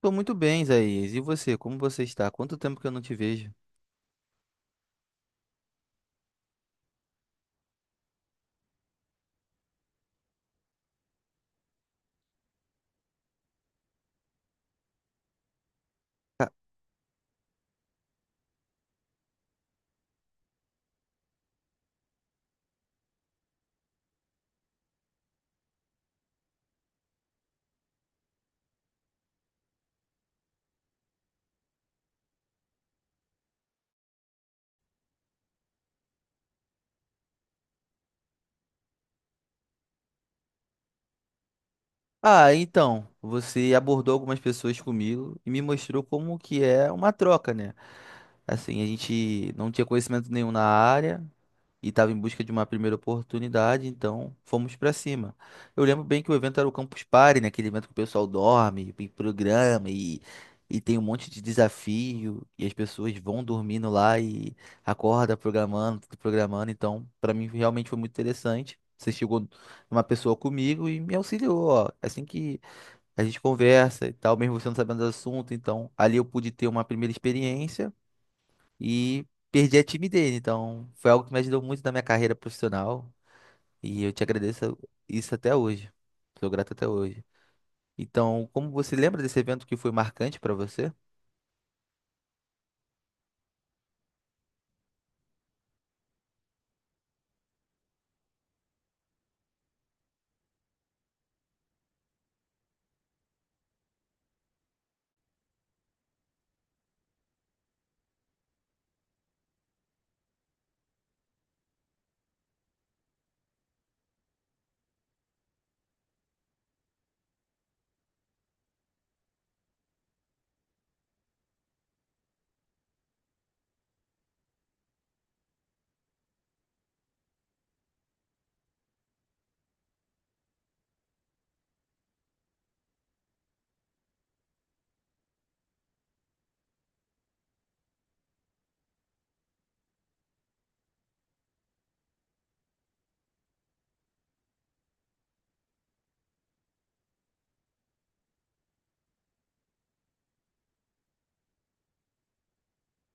Tô muito bem, Isaías. E você, como você está? Quanto tempo que eu não te vejo? Ah, então, você abordou algumas pessoas comigo e me mostrou como que é uma troca, né? Assim, a gente não tinha conhecimento nenhum na área, e estava em busca de uma primeira oportunidade, então fomos para cima. Eu lembro bem que o evento era o Campus Party, né? Aquele evento que o pessoal dorme, e programa e tem um monte de desafio e as pessoas vão dormindo lá e acorda programando, tudo programando. Então, para mim realmente foi muito interessante. Você chegou uma pessoa comigo e me auxiliou, ó. Assim que a gente conversa e tal, mesmo você não sabendo do assunto, então ali eu pude ter uma primeira experiência e perdi a time dele. Então, foi algo que me ajudou muito na minha carreira profissional e eu te agradeço isso até hoje. Sou grato até hoje. Então, como você lembra desse evento que foi marcante para você?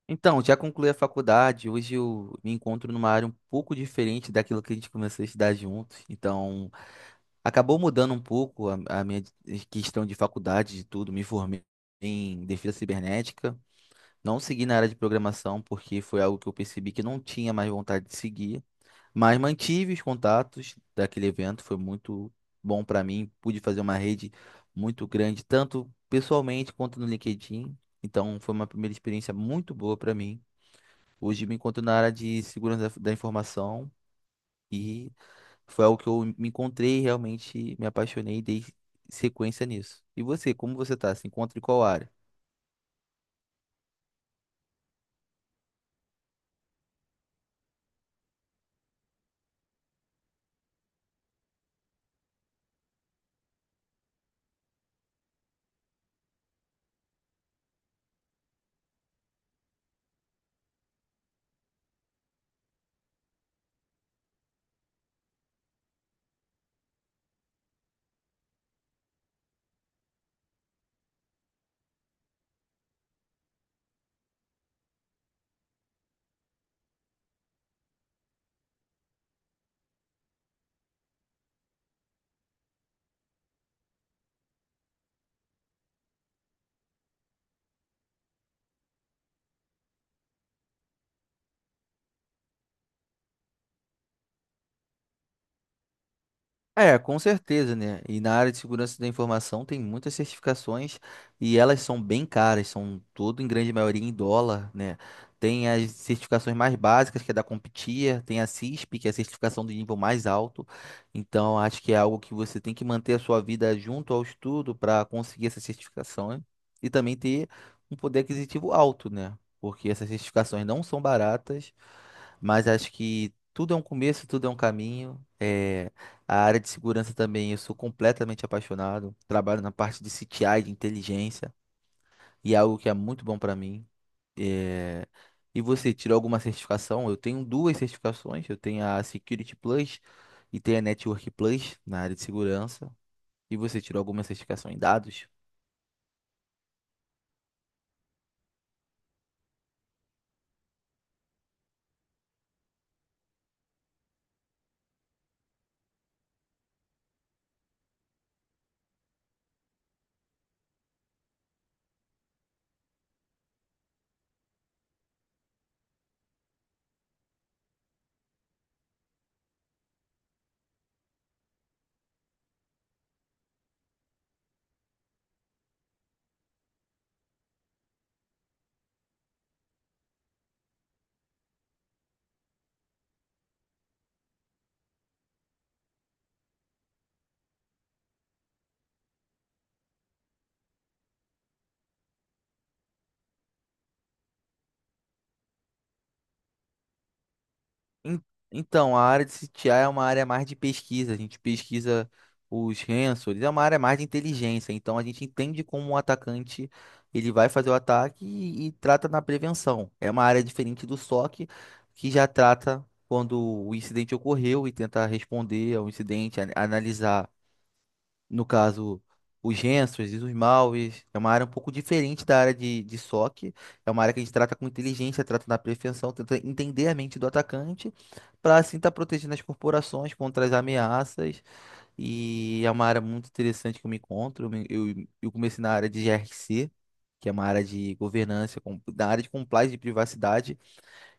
Então, já concluí a faculdade. Hoje eu me encontro numa área um pouco diferente daquilo que a gente começou a estudar juntos. Então, acabou mudando um pouco a minha questão de faculdade, de tudo. Me formei em defesa cibernética. Não segui na área de programação porque foi algo que eu percebi que não tinha mais vontade de seguir. Mas mantive os contatos daquele evento, foi muito bom para mim. Pude fazer uma rede muito grande, tanto pessoalmente quanto no LinkedIn. Então, foi uma primeira experiência muito boa para mim. Hoje me encontro na área de segurança da informação e foi algo que eu me encontrei e realmente me apaixonei e dei sequência nisso. E você, como você tá? Se encontra em qual área? É, com certeza, né? E na área de segurança da informação tem muitas certificações e elas são bem caras, são tudo em grande maioria em dólar, né? Tem as certificações mais básicas, que é da CompTIA, tem a CISP, que é a certificação do nível mais alto. Então, acho que é algo que você tem que manter a sua vida junto ao estudo para conseguir essa certificação, hein? E também ter um poder aquisitivo alto, né? Porque essas certificações não são baratas, mas acho que tudo é um começo, tudo é um caminho. A área de segurança também, eu sou completamente apaixonado. Trabalho na parte de CTI, de inteligência, e é algo que é muito bom para mim. É, E você, tirou alguma certificação? Eu tenho duas certificações, eu tenho a Security Plus e tenho a Network Plus na área de segurança. E você tirou alguma certificação em dados? En- Então, a área de CTI é uma área mais de pesquisa. A gente pesquisa os sensores, é uma área mais de inteligência. Então, a gente entende como o atacante ele vai fazer o ataque e trata na prevenção. É uma área diferente do SOC, que já trata quando o incidente ocorreu e tenta responder ao incidente, analisar no caso, os Gensers e os Malves, é uma área um pouco diferente da área de SOC. É uma área que a gente trata com inteligência, trata na prevenção, tenta entender a mente do atacante, para assim estar protegendo as corporações contra as ameaças. E é uma área muito interessante que eu me encontro. Eu, eu comecei na área de GRC que é uma área de governança, da área de compliance de privacidade.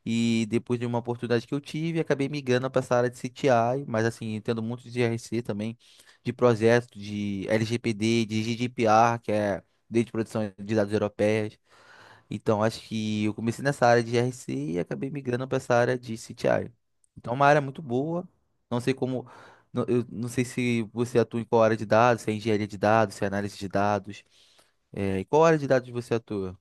E depois de uma oportunidade que eu tive, acabei migrando para essa área de CTI, mas assim, entendo muito de GRC também, de projeto, de LGPD, de GDPR, que é Lei de Proteção de Dados Europeias. Então, acho que eu comecei nessa área de GRC e acabei migrando para essa área de CTI. Então, é uma área muito boa. Não sei como. Eu não sei se você atua em qual área de dados, se é engenharia de dados, se é análise de dados. É, em qual área de dados você atua?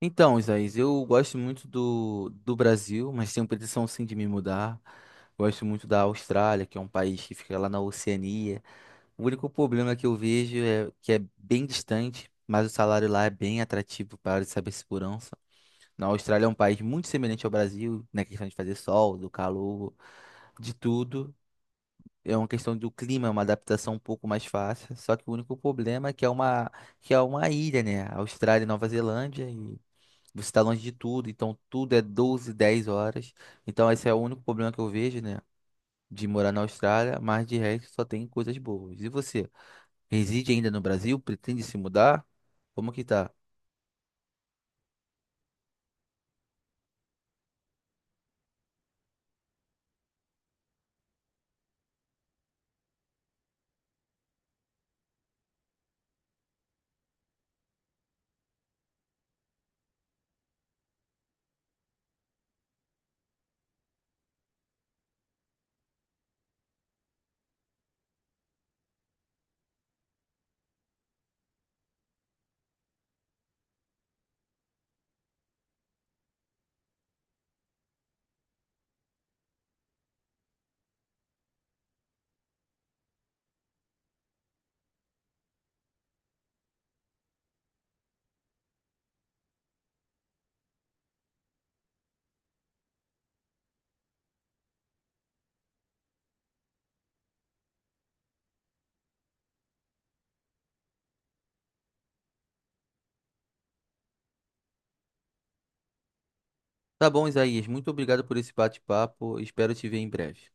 Então, Isaías, eu gosto muito do Brasil, mas tenho pretensão sim de me mudar. Gosto muito da Austrália, que é um país que fica lá na Oceania. O único problema que eu vejo é que é bem distante, mas o salário lá é bem atrativo para a área de cibersegurança. Na Austrália é um país muito semelhante ao Brasil, na questão de fazer sol, do calor, de tudo. É uma questão do clima, é uma adaptação um pouco mais fácil. Só que o único problema é que que é uma ilha, né? Austrália e Nova Zelândia. Você está longe de tudo, então tudo é 12 10 horas. Então esse é o único problema que eu vejo, né? De morar na Austrália, mas de resto só tem coisas boas. E você? Reside ainda no Brasil? Pretende se mudar? Como que tá? Tá bom, Isaías. Muito obrigado por esse bate-papo. Espero te ver em breve.